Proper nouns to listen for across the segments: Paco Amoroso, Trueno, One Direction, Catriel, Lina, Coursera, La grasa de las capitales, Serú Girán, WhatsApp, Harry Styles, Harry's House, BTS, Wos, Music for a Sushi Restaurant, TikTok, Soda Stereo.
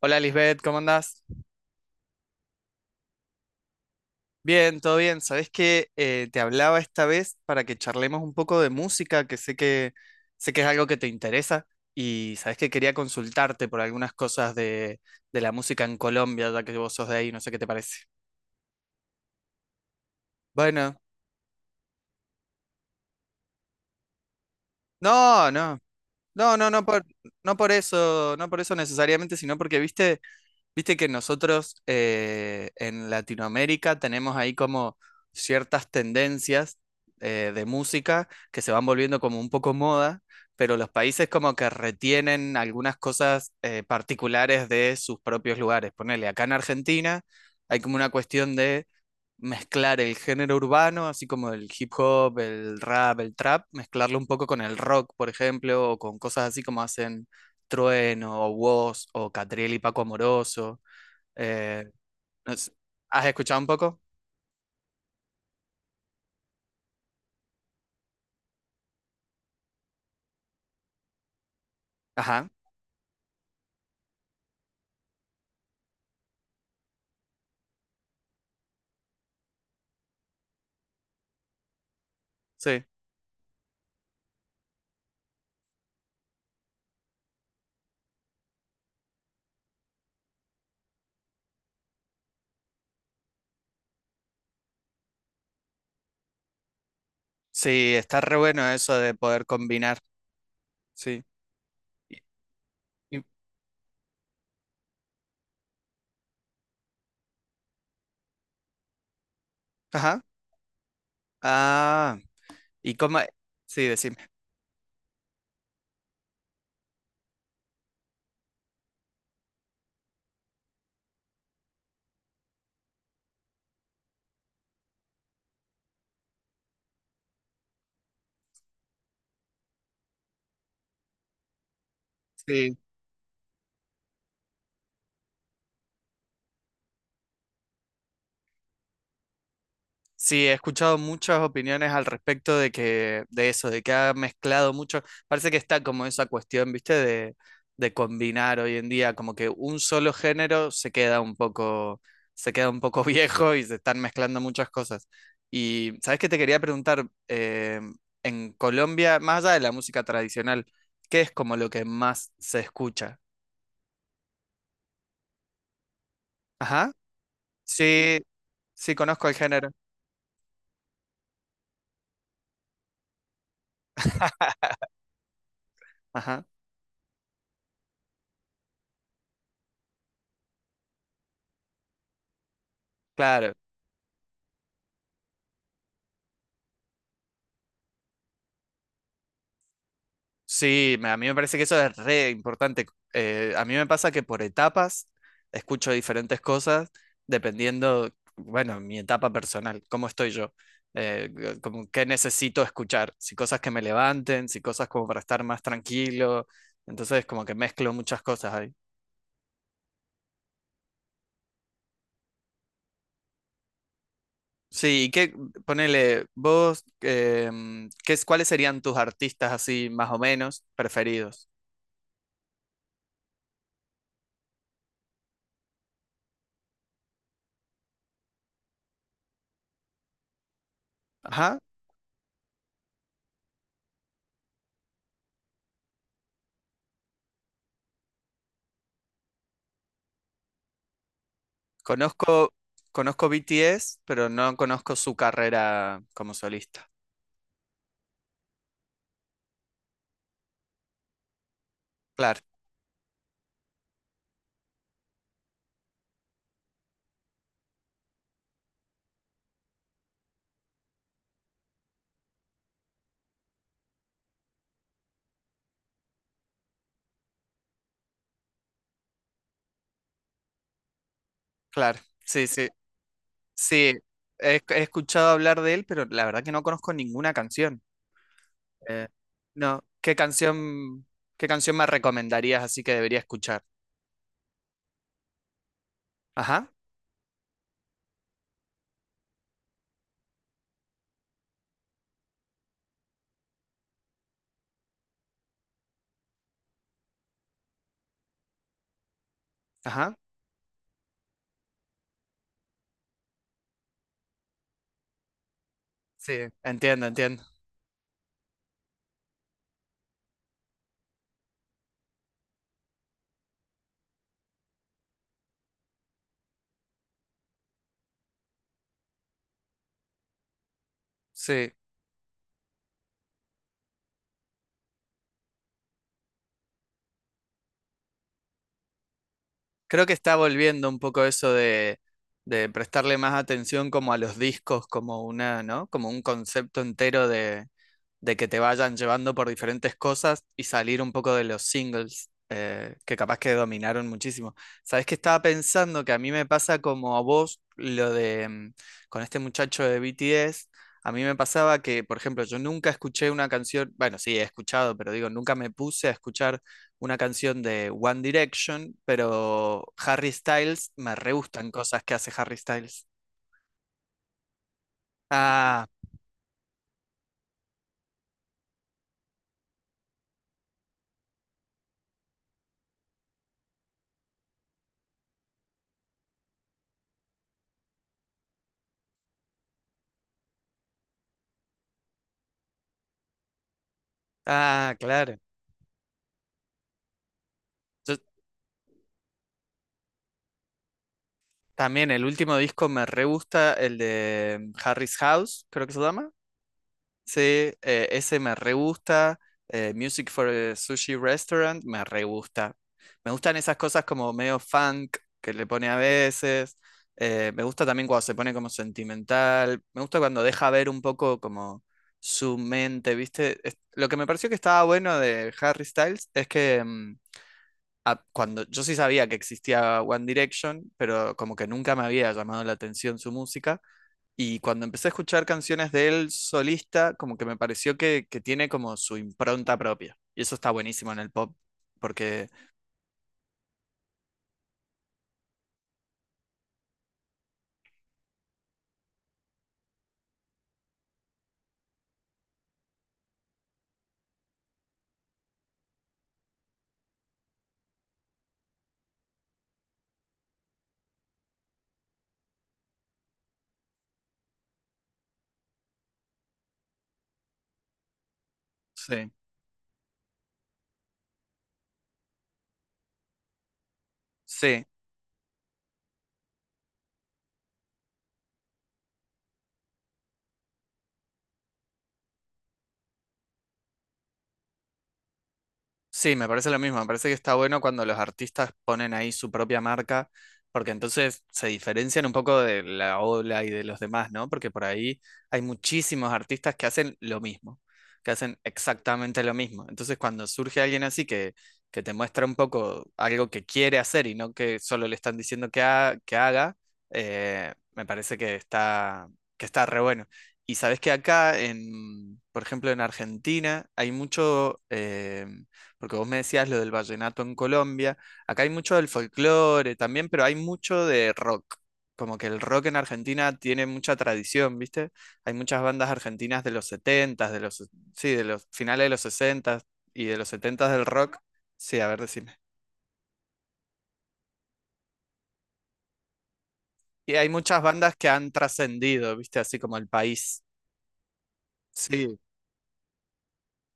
Hola, Lisbeth, ¿cómo andás? Bien, todo bien. Sabés que te hablaba esta vez para que charlemos un poco de música, que sé que es algo que te interesa y sabés que quería consultarte por algunas cosas de la música en Colombia, ya que vos sos de ahí, no sé qué te parece. Bueno, no, no, no, no, no por eso, no por eso necesariamente, sino porque, viste, viste que nosotros en Latinoamérica tenemos ahí como ciertas tendencias de música que se van volviendo como un poco moda, pero los países como que retienen algunas cosas particulares de sus propios lugares. Ponele, acá en Argentina hay como una cuestión de mezclar el género urbano, así como el hip hop, el rap, el trap, mezclarlo un poco con el rock, por ejemplo, o con cosas así como hacen Trueno o Wos o Catriel y Paco Amoroso. Eh, no sé, ¿has escuchado un poco? Ajá, sí. Sí, está re bueno eso de poder combinar, sí. Y- y- ajá. Ah, ¿y cómo? Sí, decime. Sí. Sí, he escuchado muchas opiniones al respecto de que, de eso, de que ha mezclado mucho. Parece que está como esa cuestión, ¿viste? De combinar hoy en día, como que un solo género se queda un poco, se queda un poco viejo y se están mezclando muchas cosas. Y, ¿sabes qué te quería preguntar? En Colombia, más allá de la música tradicional, ¿qué es como lo que más se escucha? Ajá. Sí, sí, conozco el género. Ajá. Claro, sí, a mí me parece que eso es re importante. A mí me pasa que por etapas escucho diferentes cosas dependiendo, bueno, mi etapa personal, cómo estoy yo, como qué necesito escuchar, si cosas que me levanten, si cosas como para estar más tranquilo. Entonces, como que mezclo muchas cosas ahí. Sí, y qué, ponele, vos, ¿qué cuáles serían tus artistas así más o menos preferidos? Ajá. Conozco, conozco BTS, pero no conozco su carrera como solista. Claro, claro. Sí, sí, sí. He escuchado hablar de él, pero la verdad que no conozco ninguna canción. Eh, no, qué canción me recomendarías así que debería escuchar? Ajá, ajá. Sí, entiendo, entiendo. Sí. Creo que está volviendo un poco eso de prestarle más atención como a los discos, como una, ¿no? Como un concepto entero de que te vayan llevando por diferentes cosas y salir un poco de los singles, que capaz que dominaron muchísimo. ¿Sabes qué estaba pensando? Que a mí me pasa como a vos lo de con este muchacho de BTS. A mí me pasaba que, por ejemplo, yo nunca escuché una canción, bueno, sí, he escuchado, pero digo, nunca me puse a escuchar una canción de One Direction, pero Harry Styles, me re gustan cosas que hace Harry Styles. Ah, ah, claro. Yo, también el último disco me re gusta, el de Harry's House, creo que se llama. Sí, ese me re gusta. Music for a Sushi Restaurant, me re gusta. Me gustan esas cosas como medio funk que le pone a veces. Me gusta también cuando se pone como sentimental. Me gusta cuando deja ver un poco como su mente, ¿viste? Lo que me pareció que estaba bueno de Harry Styles es que cuando yo sí sabía que existía One Direction, pero como que nunca me había llamado la atención su música. Y cuando empecé a escuchar canciones de él solista, como que me pareció que tiene como su impronta propia. Y eso está buenísimo en el pop, porque sí, sí. Sí, me parece lo mismo. Me parece que está bueno cuando los artistas ponen ahí su propia marca, porque entonces se diferencian un poco de la ola y de los demás, ¿no? Porque por ahí hay muchísimos artistas que hacen lo mismo, que hacen exactamente lo mismo. Entonces, cuando surge alguien así que te muestra un poco algo que quiere hacer y no que solo le están diciendo que haga, me parece que está re bueno. Y sabes que acá, en, por ejemplo, en Argentina, hay mucho. Porque vos me decías lo del vallenato en Colombia, acá hay mucho del folclore también, pero hay mucho de rock. Como que el rock en Argentina tiene mucha tradición, ¿viste? Hay muchas bandas argentinas de los sí, de los finales de los 60 y de los 70 del rock. Sí, a ver, decime. Y hay muchas bandas que han trascendido, ¿viste? Así como el país. Sí.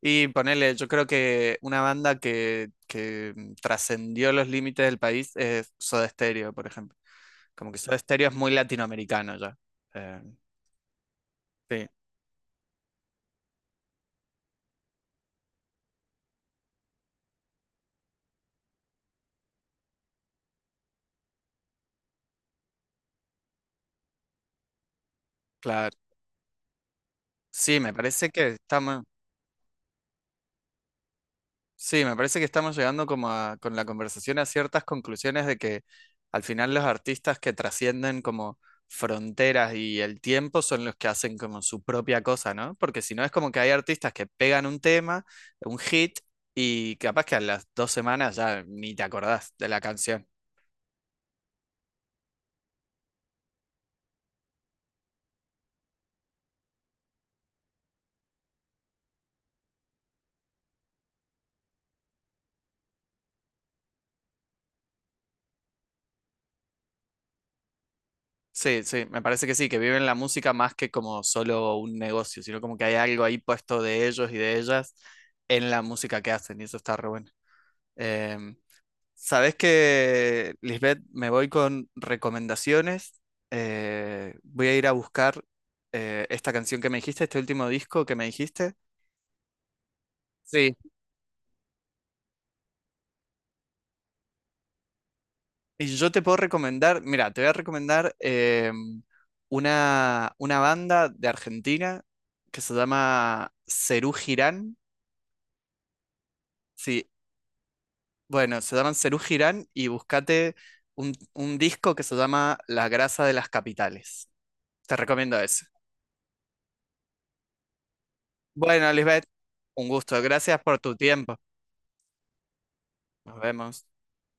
Y ponele, yo creo que una banda que trascendió los límites del país es Soda Stereo, por ejemplo. Como que Soda Stereo es muy latinoamericano ya. Eh, sí, claro. Sí, me parece que estamos. Sí, me parece que estamos llegando como con la conversación a ciertas conclusiones de que al final los artistas que trascienden como fronteras y el tiempo son los que hacen como su propia cosa, ¿no? Porque si no es como que hay artistas que pegan un tema, un hit, y capaz que a las dos semanas ya ni te acordás de la canción. Sí, sí, me parece que sí, que viven la música más que como solo un negocio, sino como que hay algo ahí puesto de ellos y de ellas en la música que hacen, y eso está re bueno. Em, sabes que, Lisbeth, me voy con recomendaciones. Voy a ir a buscar esta canción que me dijiste, este último disco que me dijiste. Sí, y yo te puedo recomendar, mira, te voy a recomendar una banda de Argentina que se llama Serú Girán. Sí, bueno, se llaman Serú Girán y búscate un disco que se llama La grasa de las capitales. Te recomiendo ese. Bueno, Lisbeth, un gusto. Gracias por tu tiempo. Nos vemos.